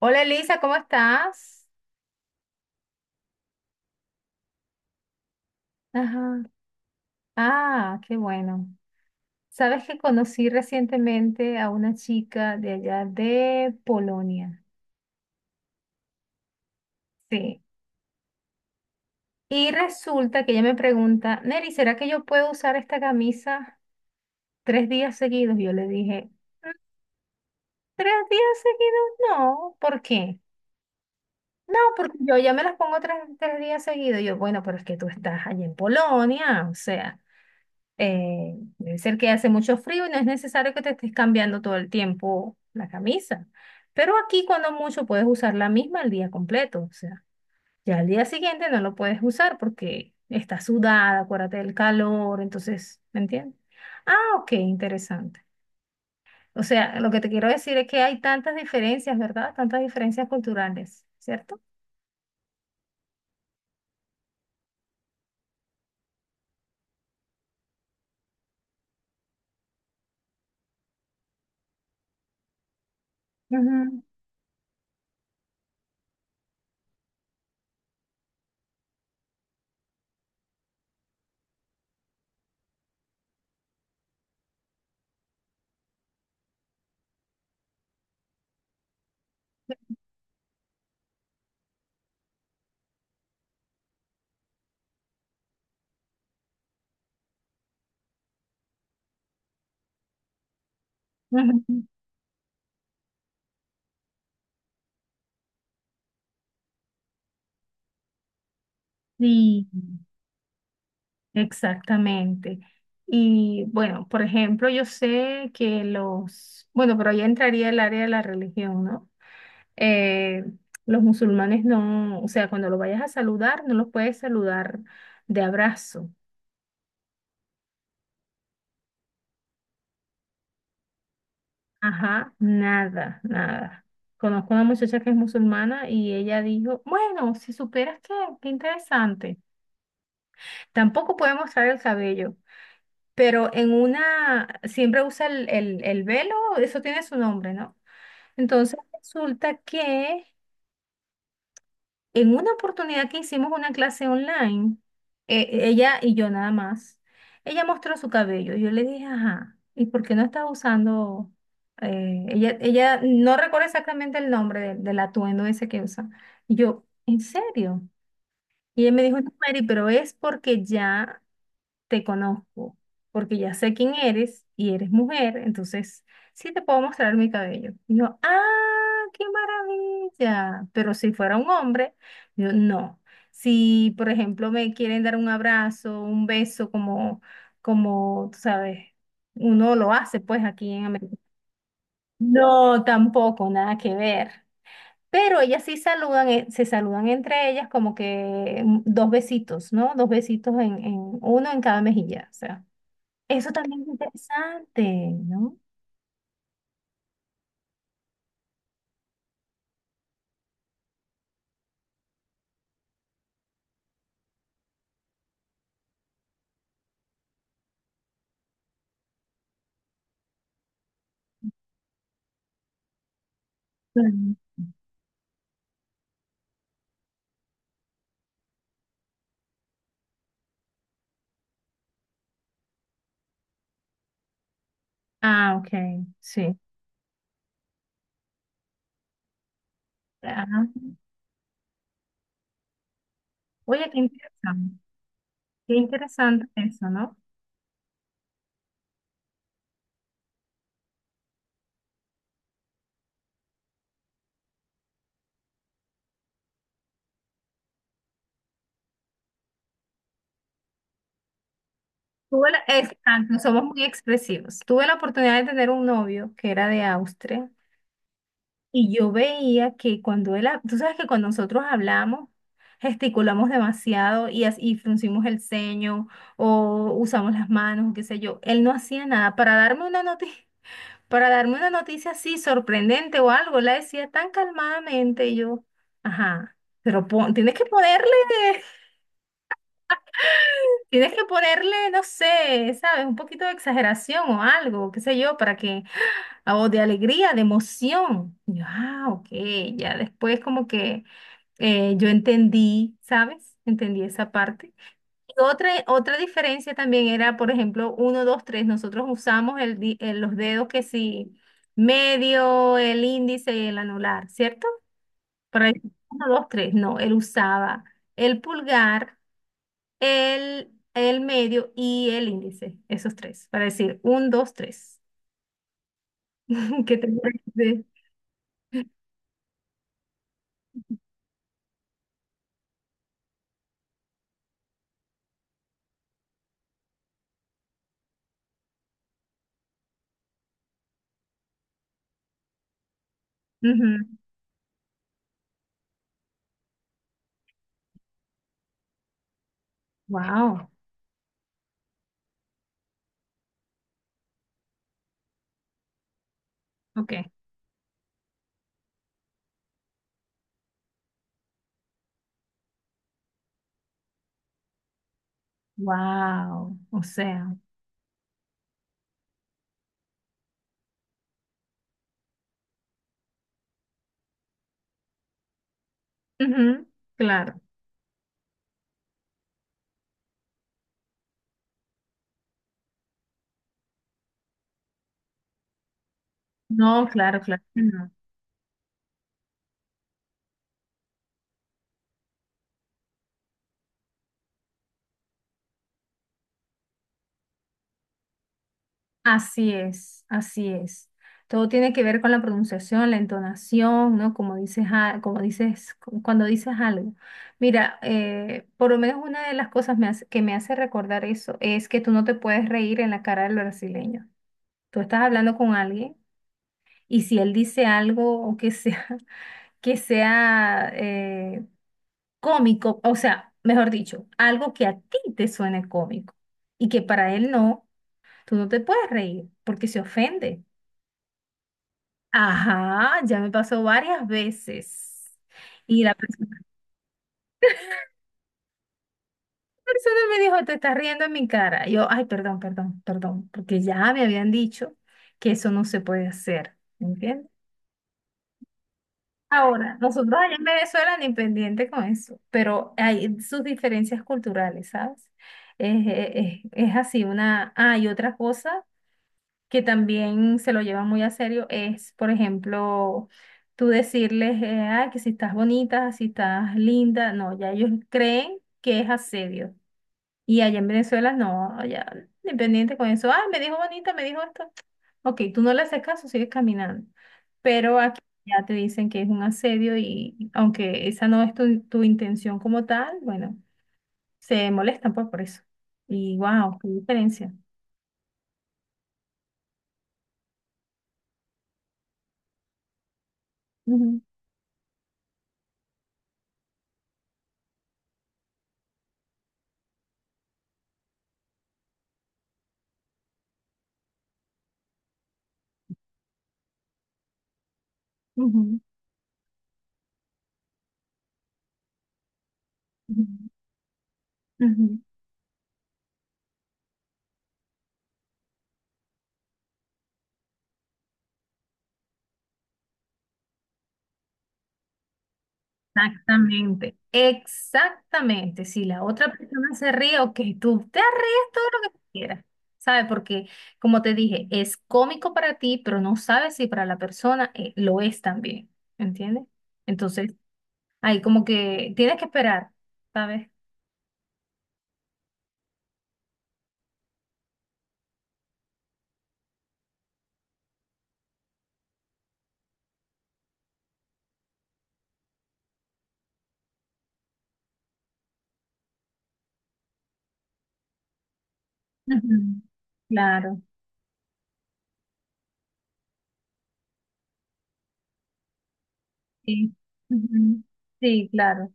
Hola Elisa, ¿cómo estás? Ajá. Ah, qué bueno. Sabes que conocí recientemente a una chica de allá de Polonia. Sí. Y resulta que ella me pregunta, Neri, ¿será que yo puedo usar esta camisa tres días seguidos? Yo le dije, ¿tres días seguidos? No. ¿Por qué? No, porque yo ya me las pongo tres días seguidos. Yo, bueno, pero es que tú estás allí en Polonia, o sea. Debe ser que hace mucho frío y no es necesario que te estés cambiando todo el tiempo la camisa. Pero aquí cuando mucho puedes usar la misma el día completo. O sea, ya al día siguiente no lo puedes usar porque está sudada, acuérdate del calor, entonces, ¿me entiendes? Ah, ok, interesante. O sea, lo que te quiero decir es que hay tantas diferencias, ¿verdad? Tantas diferencias culturales, ¿cierto? Ujú, ujú. Sí. Exactamente. Y bueno, por ejemplo, yo sé que los, bueno, pero ahí entraría el área de la religión, ¿no? Eh, los musulmanes no, o sea, cuando lo vayas a saludar, no los puedes saludar de abrazo. Ajá, nada, nada. Conozco una muchacha que es musulmana y ella dijo, bueno, si supieras que, qué interesante. Tampoco puede mostrar el cabello, pero en una, siempre usa el velo, eso tiene su nombre, ¿no? Entonces resulta que en una oportunidad que hicimos una clase online, ella y yo nada más, ella mostró su cabello. Yo le dije, ajá, ¿y por qué no estás usando? Ella no recuerda exactamente el nombre del atuendo ese que usa. Y yo, ¿en serio? Y ella me dijo, no, Mary, pero es porque ya te conozco, porque ya sé quién eres y eres mujer, entonces sí te puedo mostrar mi cabello. Y yo, ah, qué maravilla. Pero si fuera un hombre, yo no. Si, por ejemplo, me quieren dar un abrazo, un beso, tú sabes, uno lo hace pues aquí en América. No, tampoco, nada que ver. Pero ellas sí saludan, se saludan entre ellas como que mm, dos besitos, ¿no? Dos besitos en, uno en cada mejilla, o sea. Eso también es interesante, ¿no? Claro. Ah, ok, sí. Ajá. Oye, qué interesante. Qué interesante eso, ¿no? Exacto, somos muy expresivos. Tuve la oportunidad de tener un novio que era de Austria y yo veía que cuando él, tú sabes que cuando nosotros hablamos, gesticulamos demasiado y, y fruncimos el ceño o usamos las manos, qué sé yo. Él no hacía nada para darme una noticia. Para darme una noticia así sorprendente o algo, la decía tan calmadamente y yo, ajá, pero tienes que ponerle, tienes que ponerle, no sé, ¿sabes? Un poquito de exageración o algo, qué sé yo, para que, o de alegría, de emoción. Y yo, ah, ok, ya después como que yo entendí, ¿sabes? Entendí esa parte. Otra diferencia también era, por ejemplo, uno 2 tres. Nosotros usamos el, los dedos que sí, medio, el índice y el anular, ¿cierto? Por ahí, uno 2 tres. No, él usaba el pulgar, el medio y el índice, esos tres, para decir 1, dos tres. ¿Qué te parece? Ujú. Wow, ok. Wow, o sea, ujú, claro. No, claro, claro. Así es, así es. Todo tiene que ver con la pronunciación, la entonación, ¿no? Como dices, como dices, cuando dices algo. Mira, por lo menos una de las cosas que me hace recordar eso es que tú no te puedes reír en la cara del brasileño. Tú estás hablando con alguien y si él dice algo o que sea, que sea cómico, o sea, mejor dicho, algo que a ti te suene cómico y que para él no, tú no te puedes reír porque se ofende. Ajá, ya me pasó varias veces. Y la pers- Persona me dijo, te estás riendo en mi cara. Y yo, ay, perdón, perdón, perdón, porque ya me habían dicho que eso no se puede hacer, ¿me ¿entiendes? Ahora, nosotros allá en Venezuela ni pendiente con eso, pero hay sus diferencias culturales, ¿sabes? Es así, una... Ah, y otra cosa que también se lo llevan muy a serio es, por ejemplo, tú decirles, "Ay, que si estás bonita, si estás linda, no, ya ellos creen que es asedio. Y allá en Venezuela no, ya independiente con eso, ah, me dijo bonita, me dijo esto. Ok, tú no le haces caso, sigues caminando. Pero aquí ya te dicen que es un asedio y aunque esa no es tu intención como tal, bueno, se molestan pues por eso. Y wow, qué diferencia. Ujú, ujú, ujú, ujú. Exactamente, exactamente. Si la otra persona se ríe, ok, tú te ríes todo lo que quieras, ¿sabes? Porque, como te dije, es cómico para ti, pero no sabes si para la persona lo es también, ¿entiendes? Entonces, ahí como que tienes que esperar, ¿sabes? Ujú, claro, sí. Ujú, sí, claro.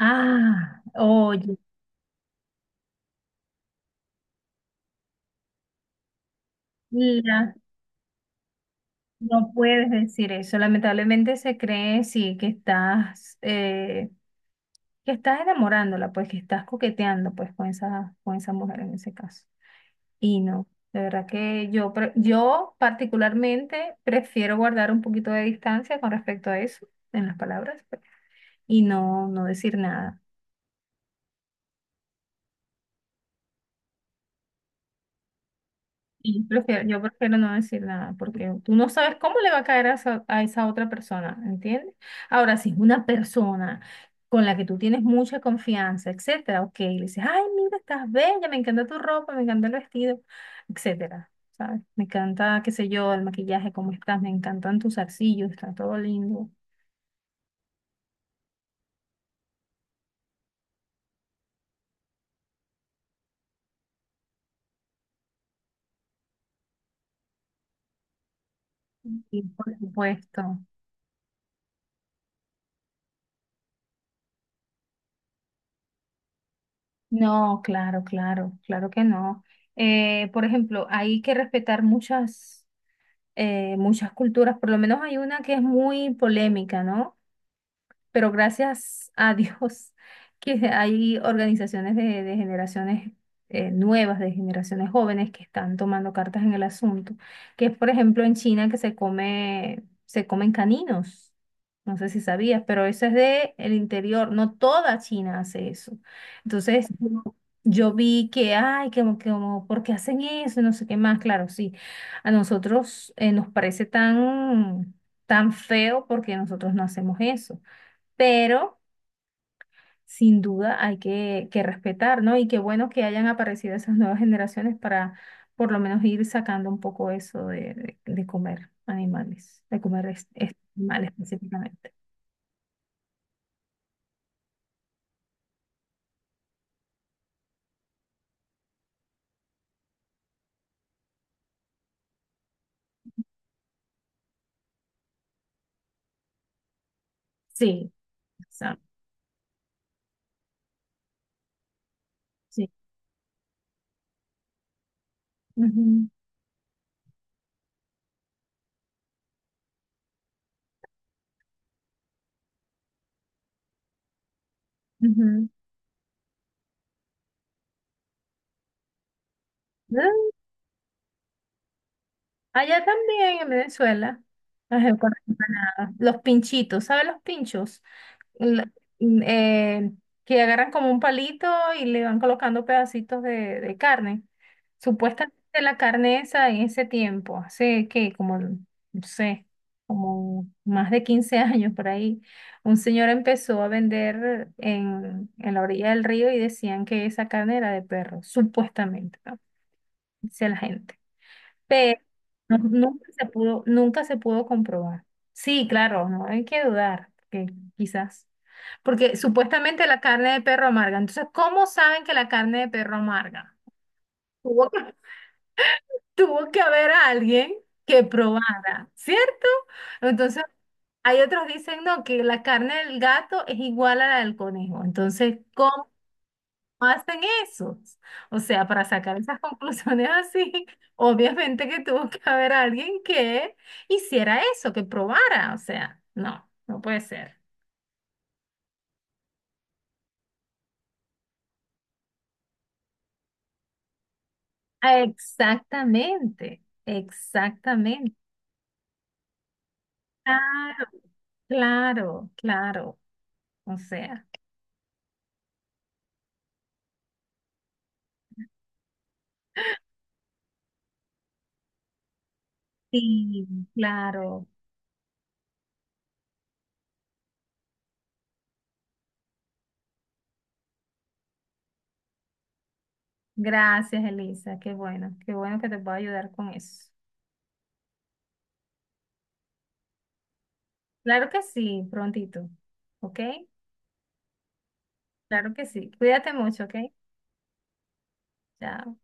Ah, oye, no puedes decir eso. Lamentablemente se cree, sí, que estás enamorándola, pues que estás coqueteando, pues con esa mujer en ese caso. Y no, de verdad que yo, yo particularmente prefiero guardar un poquito de distancia con respecto a eso en las palabras pues, y no, no decir nada. Yo prefiero no decir nada porque tú no sabes cómo le va a caer a esa otra persona, ¿entiendes? Ahora, si es una persona con la que tú tienes mucha confianza, etcétera, ok, le dices, ay, mira, estás bella, me encanta tu ropa, me encanta el vestido, etcétera, ¿sabes? Me encanta, qué sé yo, el maquillaje, cómo estás, me encantan tus arcillos, está todo lindo. Y por supuesto. No, claro, claro, claro que no. Por ejemplo, hay que respetar muchas. Muchas culturas, por lo menos hay una que es muy polémica, ¿no? Pero gracias a Dios que hay organizaciones de generaciones nuevas, de generaciones jóvenes que están tomando cartas en el asunto, que es por ejemplo en China que se come, se comen caninos. No sé si sabías, pero eso es de el interior. No toda China hace eso. Entonces, yo vi que, ay, que como, ¿por qué hacen eso? No sé qué más. Claro, sí. A nosotros nos parece tan, tan feo porque nosotros no hacemos eso, pero sin duda hay que respetar, ¿no? Y qué bueno que hayan aparecido esas nuevas generaciones para por lo menos ir sacando un poco eso de, de comer animales, de comer animales específicamente. Sí, exacto, sí. Ujú, ujú. Ah, allá también en Venezuela, las empanadas, los pinchitos, ¿sabes los pinchos? la- mm, eh, que agarran como un palito y le van colocando pedacitos de carne. Supuestamente la carne esa en ese tiempo, hace que como, no sé, como más de 15 años por ahí, un señor empezó a vender en la orilla del río y decían que esa carne era de perro, supuestamente, ¿no? Dice la gente. Pero nunca se pudo, nunca se pudo comprobar. Sí, claro, no hay que dudar, que quizás. Porque supuestamente la carne de perro amarga. Entonces, ¿cómo saben que la carne de perro amarga? Tuvo que, tuvo que haber alguien que probara, ¿cierto? Entonces, hay otros dicen, no, que la carne del gato es igual a la del conejo. Entonces, ¿cómo hacen esos? O sea, para sacar esas conclusiones así, obviamente que tuvo que haber alguien que hiciera eso, que probara. O sea, no, no puede ser. Exactamente, exactamente. Claro, claro, claro. O sea, sí, claro. Gracias, Elisa. Qué bueno que te puedo ayudar con eso. Claro que sí, prontito. ¿Ok? Claro que sí. Cuídate mucho, ¿ok? Chao.